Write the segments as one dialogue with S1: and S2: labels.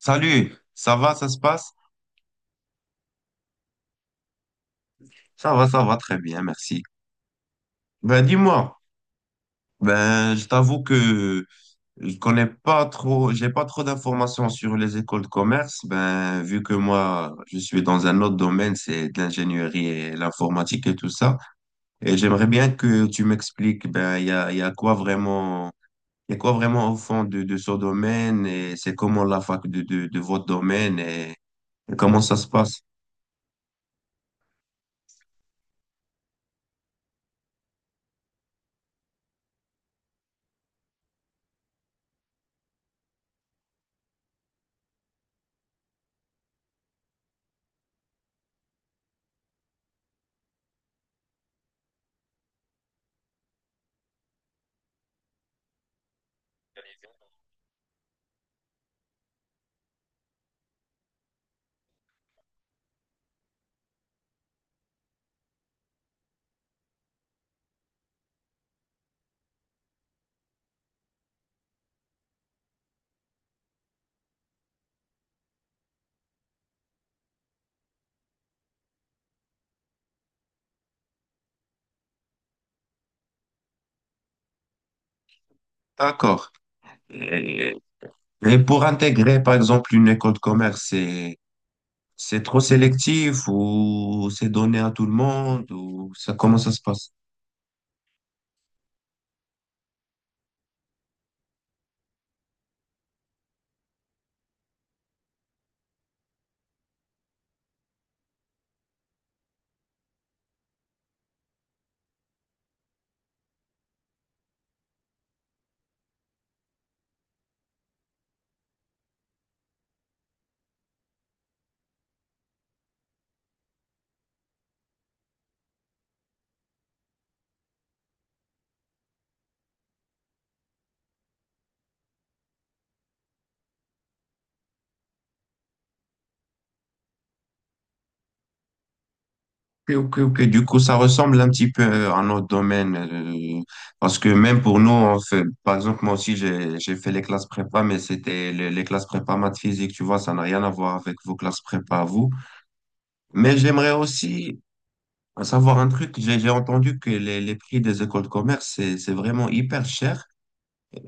S1: Salut, ça va, ça se passe? Ça va très bien, merci. Ben dis-moi, ben je t'avoue que je connais pas trop, j'ai pas trop d'informations sur les écoles de commerce. Ben vu que moi je suis dans un autre domaine, c'est de l'ingénierie et l'informatique et tout ça. Et j'aimerais bien que tu m'expliques, ben il y a quoi vraiment, il y a quoi vraiment au fond de ce domaine et c'est comment la fac de votre domaine et comment ça se passe? D'accord. Et pour intégrer, par exemple, une école de commerce, c'est trop sélectif ou c'est donné à tout le monde ou ça, comment ça se passe? Ok, ok, ok. Du coup, ça ressemble un petit peu à notre domaine. Parce que même pour nous, on fait, par exemple, moi aussi, j'ai fait les classes prépa, mais c'était les classes prépa maths physique, tu vois, ça n'a rien à voir avec vos classes prépa à vous. Mais j'aimerais aussi savoir un truc. J'ai entendu que les prix des écoles de commerce, c'est vraiment hyper cher.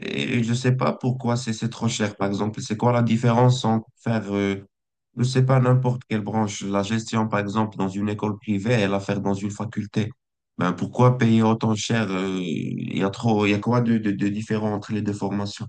S1: Et je ne sais pas pourquoi c'est trop cher, par exemple. C'est quoi la différence entre faire, je ne sais pas, n'importe quelle branche, la gestion, par exemple, dans une école privée et la faire dans une faculté? Ben, pourquoi payer autant cher? Il y a trop, il y a quoi de différent entre les deux formations?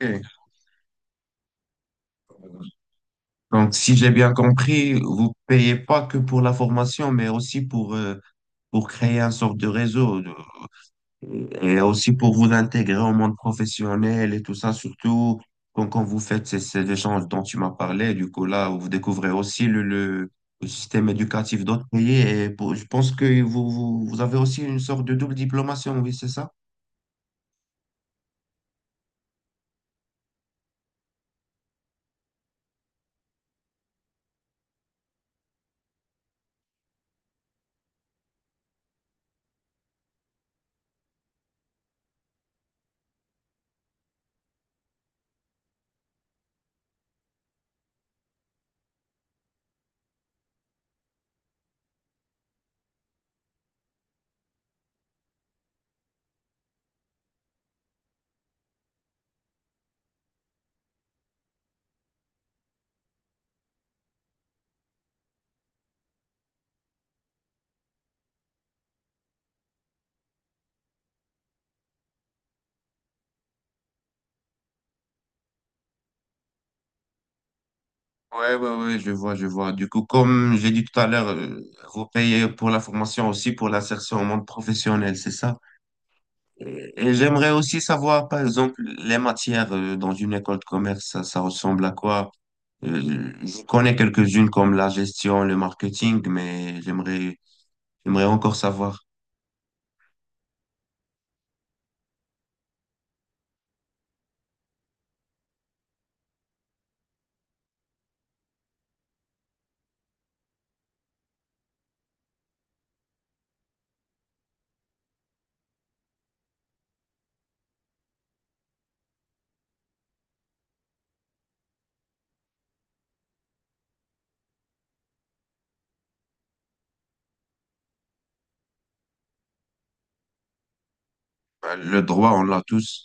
S1: Ok. Donc, si j'ai bien compris, vous payez pas que pour la formation, mais aussi pour créer un sorte de réseau. Et aussi pour vous intégrer au monde professionnel et tout ça, surtout quand vous faites ces, ces échanges dont tu m'as parlé, du coup là, vous découvrez aussi le système éducatif d'autres pays et pour- je pense que vous, vous, vous avez aussi une sorte de double diplomation, oui, c'est ça? Ouais, ouais, ouais, je vois, je vois. Du coup, comme j'ai dit tout à l'heure, vous payez pour la formation aussi pour l'insertion au monde professionnel, c'est ça? Et j'aimerais aussi savoir, par exemple, les matières dans une école de commerce, ça ressemble à quoi? Je connais quelques-unes comme la gestion, le marketing, mais j'aimerais, j'aimerais encore savoir. Bah, le droit, on l'a tous.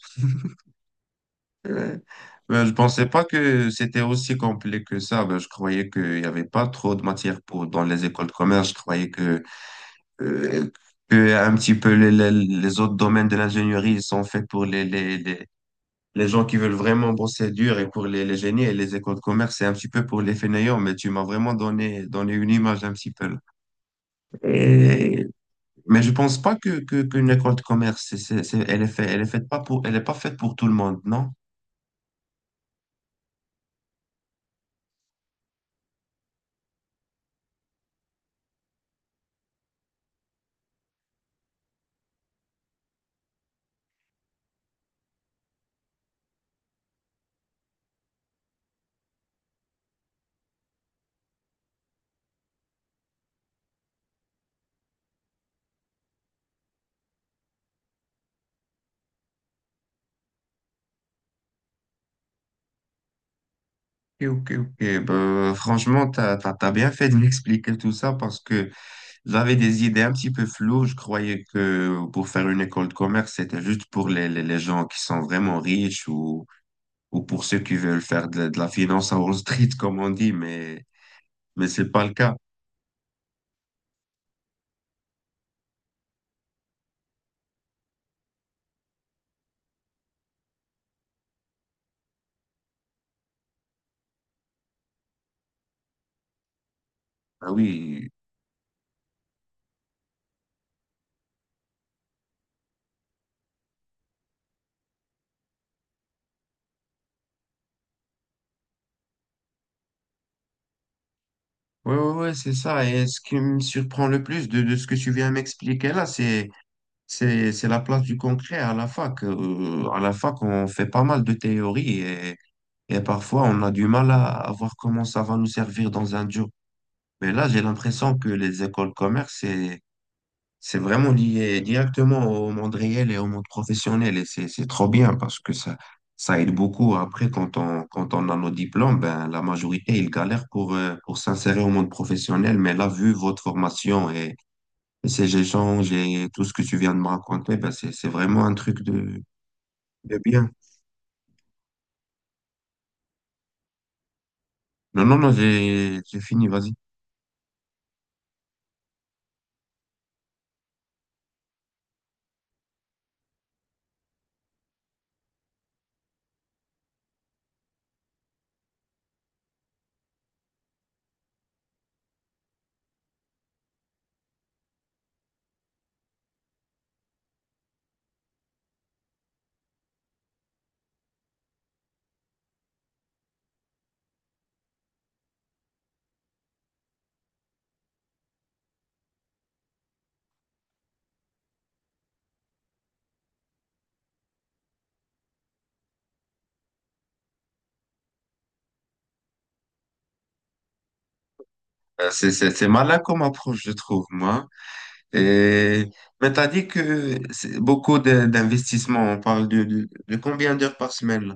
S1: Euh, ben, je pensais pas que c'était aussi complet que ça. Ben, je croyais qu'il n'y avait pas trop de matières pour, dans les écoles de commerce. Je croyais euh, que un petit peu les autres domaines de l'ingénierie ils sont faits pour les gens qui veulent vraiment bosser dur et pour les génies et les écoles de commerce, c'est un petit peu pour les fainéants, mais tu m'as vraiment donné, donné une image un petit peu. Là. Et, mais je pense pas que, que, qu'une école de commerce, c'est- elle est fait, elle est faite pas pour, elle est pas faite pour tout le monde, non? Ok, ok, ok. Ben, franchement, t'as, t'as, t'as bien fait de m'expliquer tout ça parce que j'avais des idées un petit peu floues. Je croyais que pour faire une école de commerce, c'était juste pour les gens qui sont vraiment riches ou pour ceux qui veulent faire de la finance à Wall Street, comme on dit, mais c'est pas le cas. Ah oui, ouais, ouais, ouais, c'est ça. Et ce qui me surprend le plus de ce que tu viens m'expliquer là, c'est la place du concret à la fac. À la fac, on fait pas mal de théories et parfois on a du mal à voir comment ça va nous servir dans un job. Mais là, j'ai l'impression que les écoles commerce, c'est vraiment lié directement au monde réel et au monde professionnel et c'est trop bien parce que ça ça aide beaucoup. Après, quand on quand on a nos diplômes, ben la majorité ils galèrent pour s'insérer au monde professionnel. Mais là, vu votre formation et ces échanges et tout ce que tu viens de me raconter, ben c'est vraiment un truc de bien. Non non non, j'ai fini. Vas-y. C'est c'est malin comme approche, je trouve moi. Et, mais t'as dit que c'est beaucoup de- d'investissements. On parle de combien d'heures par semaine? Là.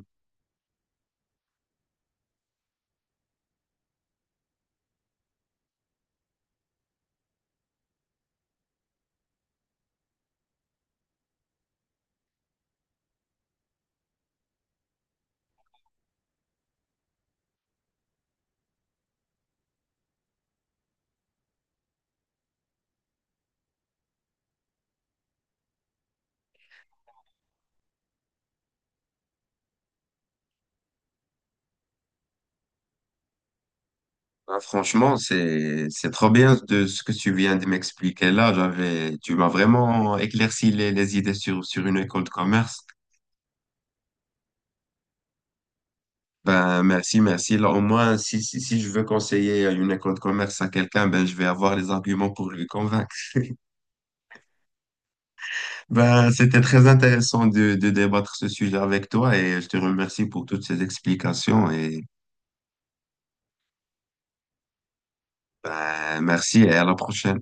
S1: Ah, franchement, c'est trop bien de ce que tu viens de m'expliquer là. J'avais, tu m'as vraiment éclairci les idées sur, sur une école de commerce. Ben, merci, merci. Là, au moins, si, si, si je veux conseiller une école de commerce à quelqu'un, ben, je vais avoir les arguments pour lui convaincre. Ben, c'était très intéressant de débattre ce sujet avec toi et je te remercie pour toutes ces explications et ben merci et à la prochaine.